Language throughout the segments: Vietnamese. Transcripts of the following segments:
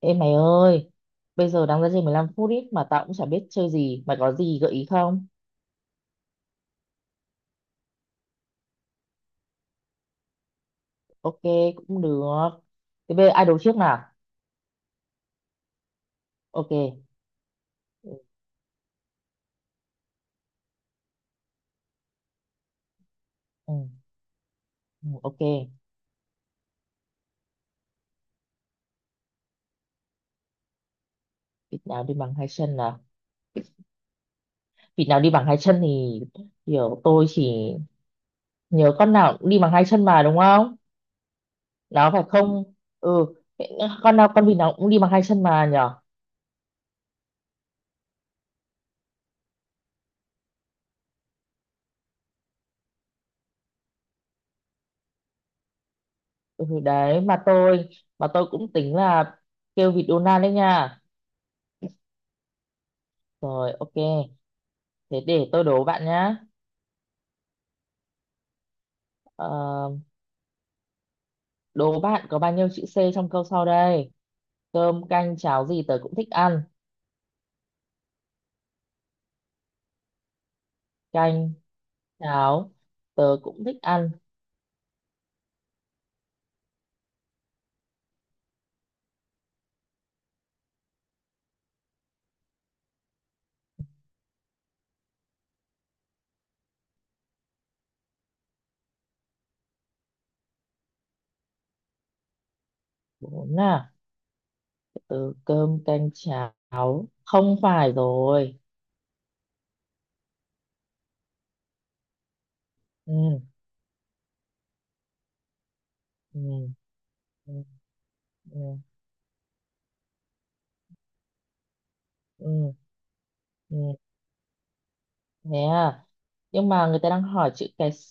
Ê mày ơi, bây giờ đang ra chơi 15 phút ít mà tao cũng chả biết chơi gì. Mày có gì gợi ý không? Ok, cũng được. Thế bây giờ ai đấu trước nào? Ok. Ừ, ừ, ừ, ok. Vịt nào đi bằng hai chân nào? Vịt nào đi bằng hai chân thì kiểu tôi chỉ nhớ con nào cũng đi bằng hai chân mà đúng không? Nó phải không? Ừ, con nào con vịt nào cũng đi bằng hai chân mà nhở? Ừ, đấy mà tôi cũng tính là kêu vịt Donald đấy nha. Rồi ok, thế để tôi đố bạn nhá. Ờ, Đố bạn có bao nhiêu chữ C trong câu sau đây? Cơm, canh, cháo gì tớ cũng thích ăn. Canh, cháo, tớ cũng thích ăn. Bốn à? Từ cơm, canh, cháo. Không phải rồi. Ừ, ừ, ừ, ừ, ừ, ừ. Thế à? Nhưng mà người ta đang hỏi chữ cái C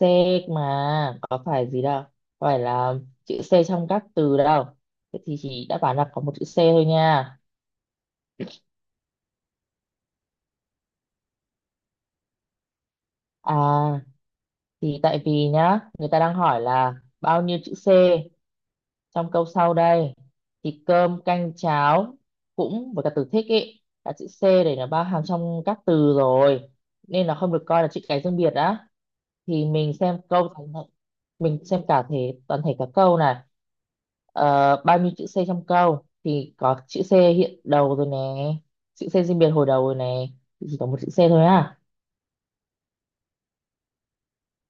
mà. Có phải gì đâu. Có phải là chữ C trong các từ đâu. Thế thì chỉ đáp án là có một chữ C thôi nha. À, thì tại vì nhá, người ta đang hỏi là bao nhiêu chữ C trong câu sau đây thì cơm canh cháo cũng với cả từ thích ý cả chữ C để nó bao hàm trong các từ rồi nên là không được coi là chữ cái riêng biệt đã thì mình xem câu toàn thể, mình xem cả thể toàn thể cả câu này. Bao nhiêu chữ C trong câu thì có chữ C hiện đầu rồi nè, chữ C riêng biệt hồi đầu rồi nè, thì chỉ có một chữ C thôi à.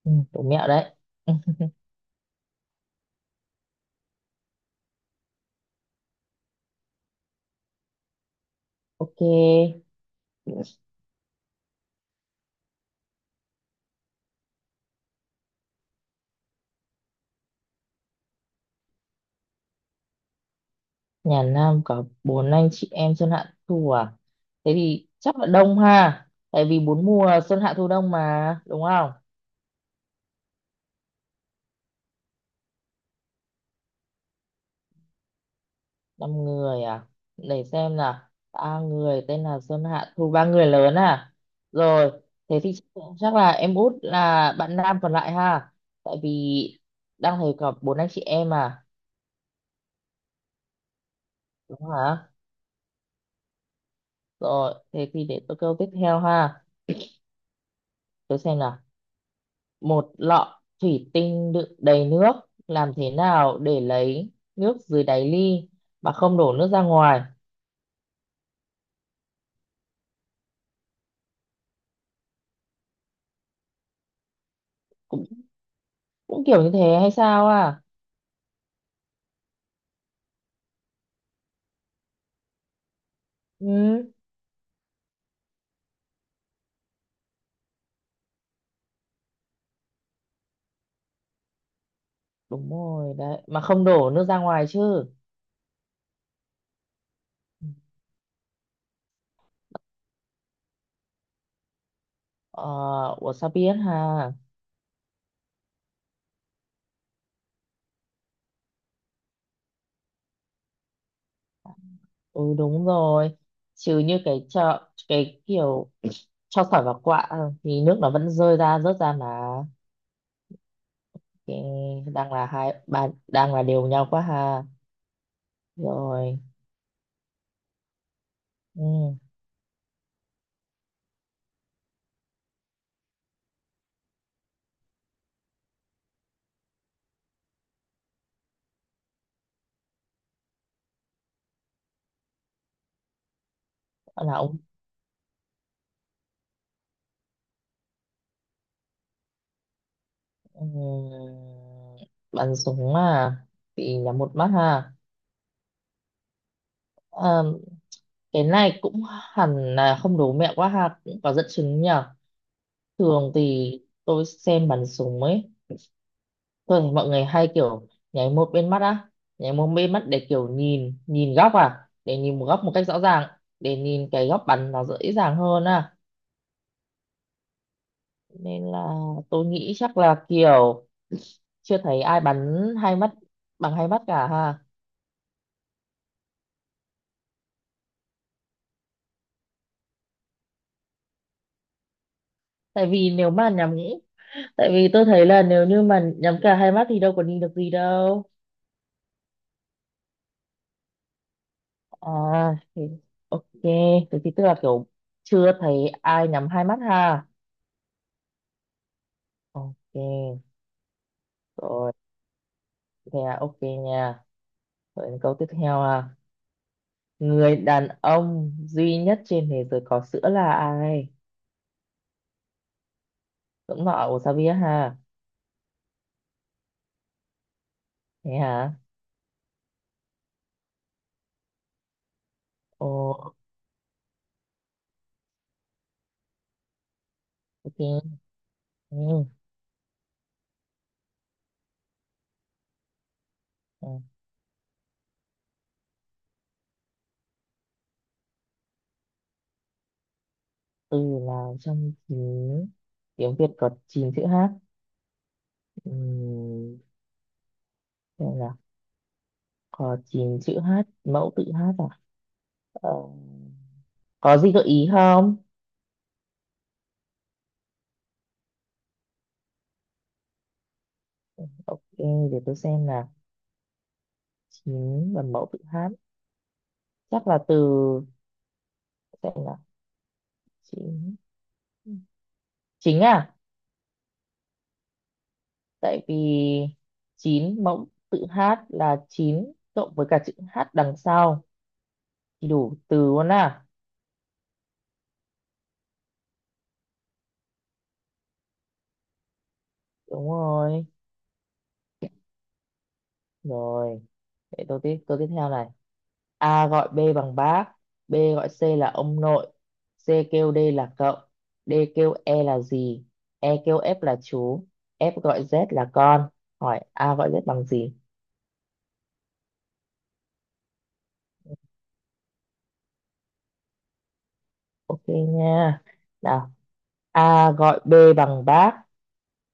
Ừ, đủ mẹo đấy. Ok. Nhà Nam có bốn anh chị em Xuân Hạ Thu à? Thế thì chắc là đông ha. Tại vì bốn mùa Xuân Hạ Thu Đông mà, đúng không? Năm người à? Để xem nào. Ba người tên là Xuân Hạ Thu, ba người lớn à? Rồi, thế thì chắc chắc là em út là bạn nam còn lại ha. Tại vì đang thấy có bốn anh chị em à, đúng hả? Rồi, thế thì để tôi câu tiếp theo ha. Tôi xem nào. Một lọ thủy tinh đựng đầy nước, làm thế nào để lấy nước dưới đáy ly mà không đổ nước ra ngoài? Cũng cũng kiểu như thế hay sao à? Ừ đúng rồi đấy, mà không đổ nước ra ngoài chứ. Ờ, ủa sao biết ha. Ừ đúng rồi, chứ như cái chợ cái kiểu cho sỏi vào quạ thì nước nó vẫn rơi ra rớt ra mà. Thì đang là hai ba đang là đều nhau quá ha. Rồi. Ừ, là ông. Ừm, Bắn súng à, bị nhắm một mắt ha. Ờ, cái này cũng hẳn là không đố mẹo quá ha, cũng có dẫn chứng nhở. Thường thì tôi xem bắn súng ấy, tôi thấy mọi người hay kiểu nháy một bên mắt á, nháy một bên mắt để kiểu nhìn nhìn góc à, để nhìn một góc một cách rõ ràng, để nhìn cái góc bắn nó dễ dàng hơn à, nên là tôi nghĩ chắc là kiểu chưa thấy ai bắn hai mắt, bằng hai mắt cả ha. Tại vì nếu mà nhắm, tại vì tôi thấy là nếu như mà nhắm cả hai mắt thì đâu có nhìn được gì đâu. À thì, ok thế thì tức là kiểu chưa thấy ai nhắm hai mắt ha. Ok. Rồi, thế à, ok nha. Rồi đến câu tiếp theo à. Người đàn ông duy nhất trên thế giới có sữa là ai? Cũng nọ của sao biết ha. Thế hả? Ồ. Ok. Ừ. Ừ. Từ nào trong chín tiếng Việt có chín chữ hát? Ừ, xem nào. Có chín chữ hát, mẫu tự hát à? Ờ, có gì gợi ý không? Ok, để tôi xem là chín và mẫu tự hát, chắc là từ, xem là chín, chính à? Tại vì chín mẫu tự hát là chín cộng với cả chữ hát đằng sau thì đủ từ luôn à. Đúng rồi. Rồi, để tôi tiếp theo này. A gọi B bằng bác, B gọi C là ông nội, C kêu D là cậu, D kêu E là gì, E kêu F là chú, F gọi Z là con. Hỏi A gọi Z bằng gì? Ok nha. Nào, A gọi B bằng bác,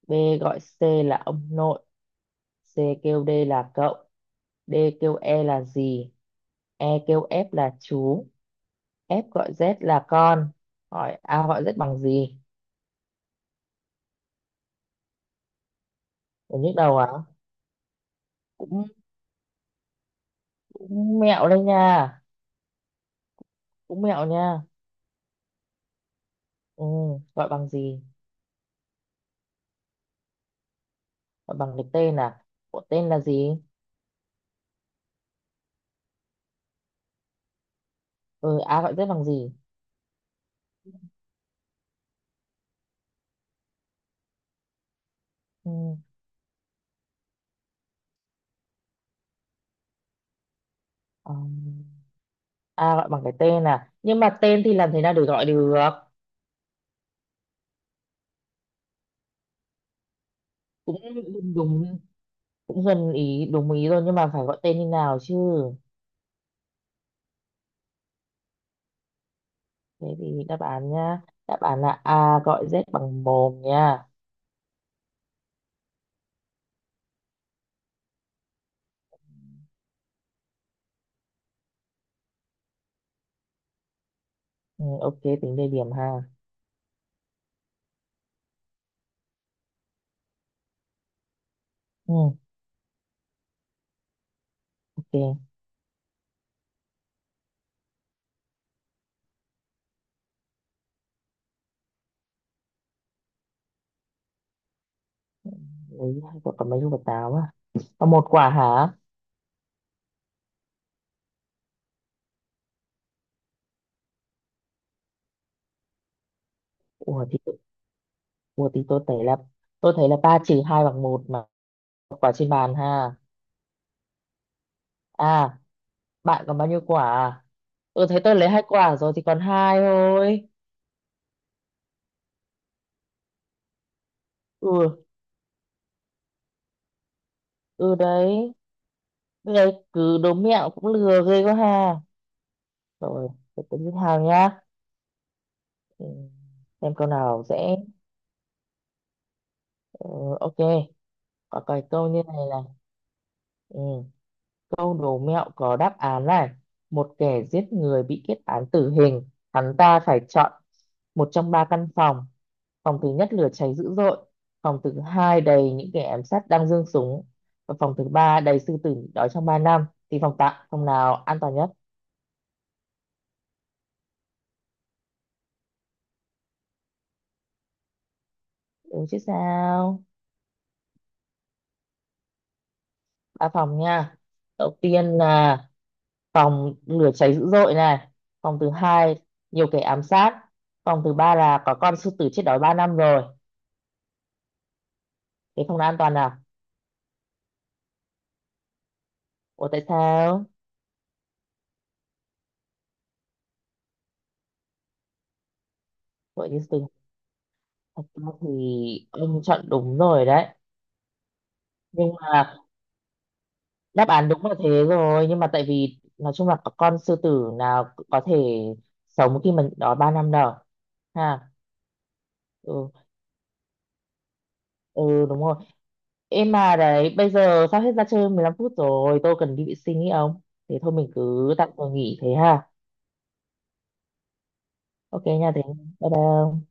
B gọi C là ông nội, C kêu D là cậu, D kêu E là gì, E kêu F là chú, F gọi Z là con. Hỏi A gọi Z bằng gì? Nhức đầu à? Cũng, cũng mẹo đây nha. Cũng mẹo nha. Ừ, gọi bằng gì? Gọi bằng cái tên à? Của tên là gì? Ừ, a gọi tên bằng gì? Ừ, um, a gọi bằng cái tên à, nhưng mà tên thì làm thế nào để gọi được? Cũng đúng, cũng gần ý đúng ý rồi nhưng mà phải gọi tên như nào chứ. Thế thì đáp án nhá, đáp án là a gọi z bằng mồm nha. Ừ, ok tính đề điểm ha. Ừ, ok. Lấy hai quả còn mấy quả táo à? Còn một quả hả? Ủa thì, ủa thì tôi thấy là, tôi thấy là ba trừ hai bằng một mà, quả trên bàn ha. À, bạn còn bao nhiêu quả? À? Ừ thấy tôi lấy hai quả rồi thì còn hai thôi. Ừ, ừ đấy. Bây giờ cứ đố mẹo cũng lừa ghê quá ha. Rồi, để tôi nghĩ hàng nhá. Ừ, xem câu nào dễ. Ừ, ok, có cái câu như này này. Ừ. Câu đố mẹo có đáp án này. Một kẻ giết người bị kết án tử hình. Hắn ta phải chọn một trong ba căn phòng. Phòng thứ nhất lửa cháy dữ dội. Phòng thứ hai đầy những kẻ ám sát đang giương súng. Và phòng thứ ba đầy sư tử nhịn đói trong 3 năm. Thì phòng tạm, phòng nào an toàn nhất? Đúng chứ sao? Ba phòng nha. Đầu tiên là phòng lửa cháy dữ dội này. Phòng thứ hai nhiều kẻ ám sát. Phòng thứ ba là có con sư tử chết đói 3 năm rồi. Thế phòng nào an toàn nào? Ủa tại sao? Vậy thì từ thật ra thì ông chọn đúng rồi đấy. Nhưng mà đáp án đúng là thế rồi. Nhưng mà tại vì nói chung là có con sư tử nào cũng có thể sống khi mình đó 3 năm đâu. Ha. Ừ. Ừ đúng rồi. Em mà đấy, bây giờ sắp hết ra chơi 15 phút rồi. Tôi cần đi vệ sinh ý ông. Thế thôi mình cứ tạm thời nghỉ thế ha. Ok nha, thế bye bye ông.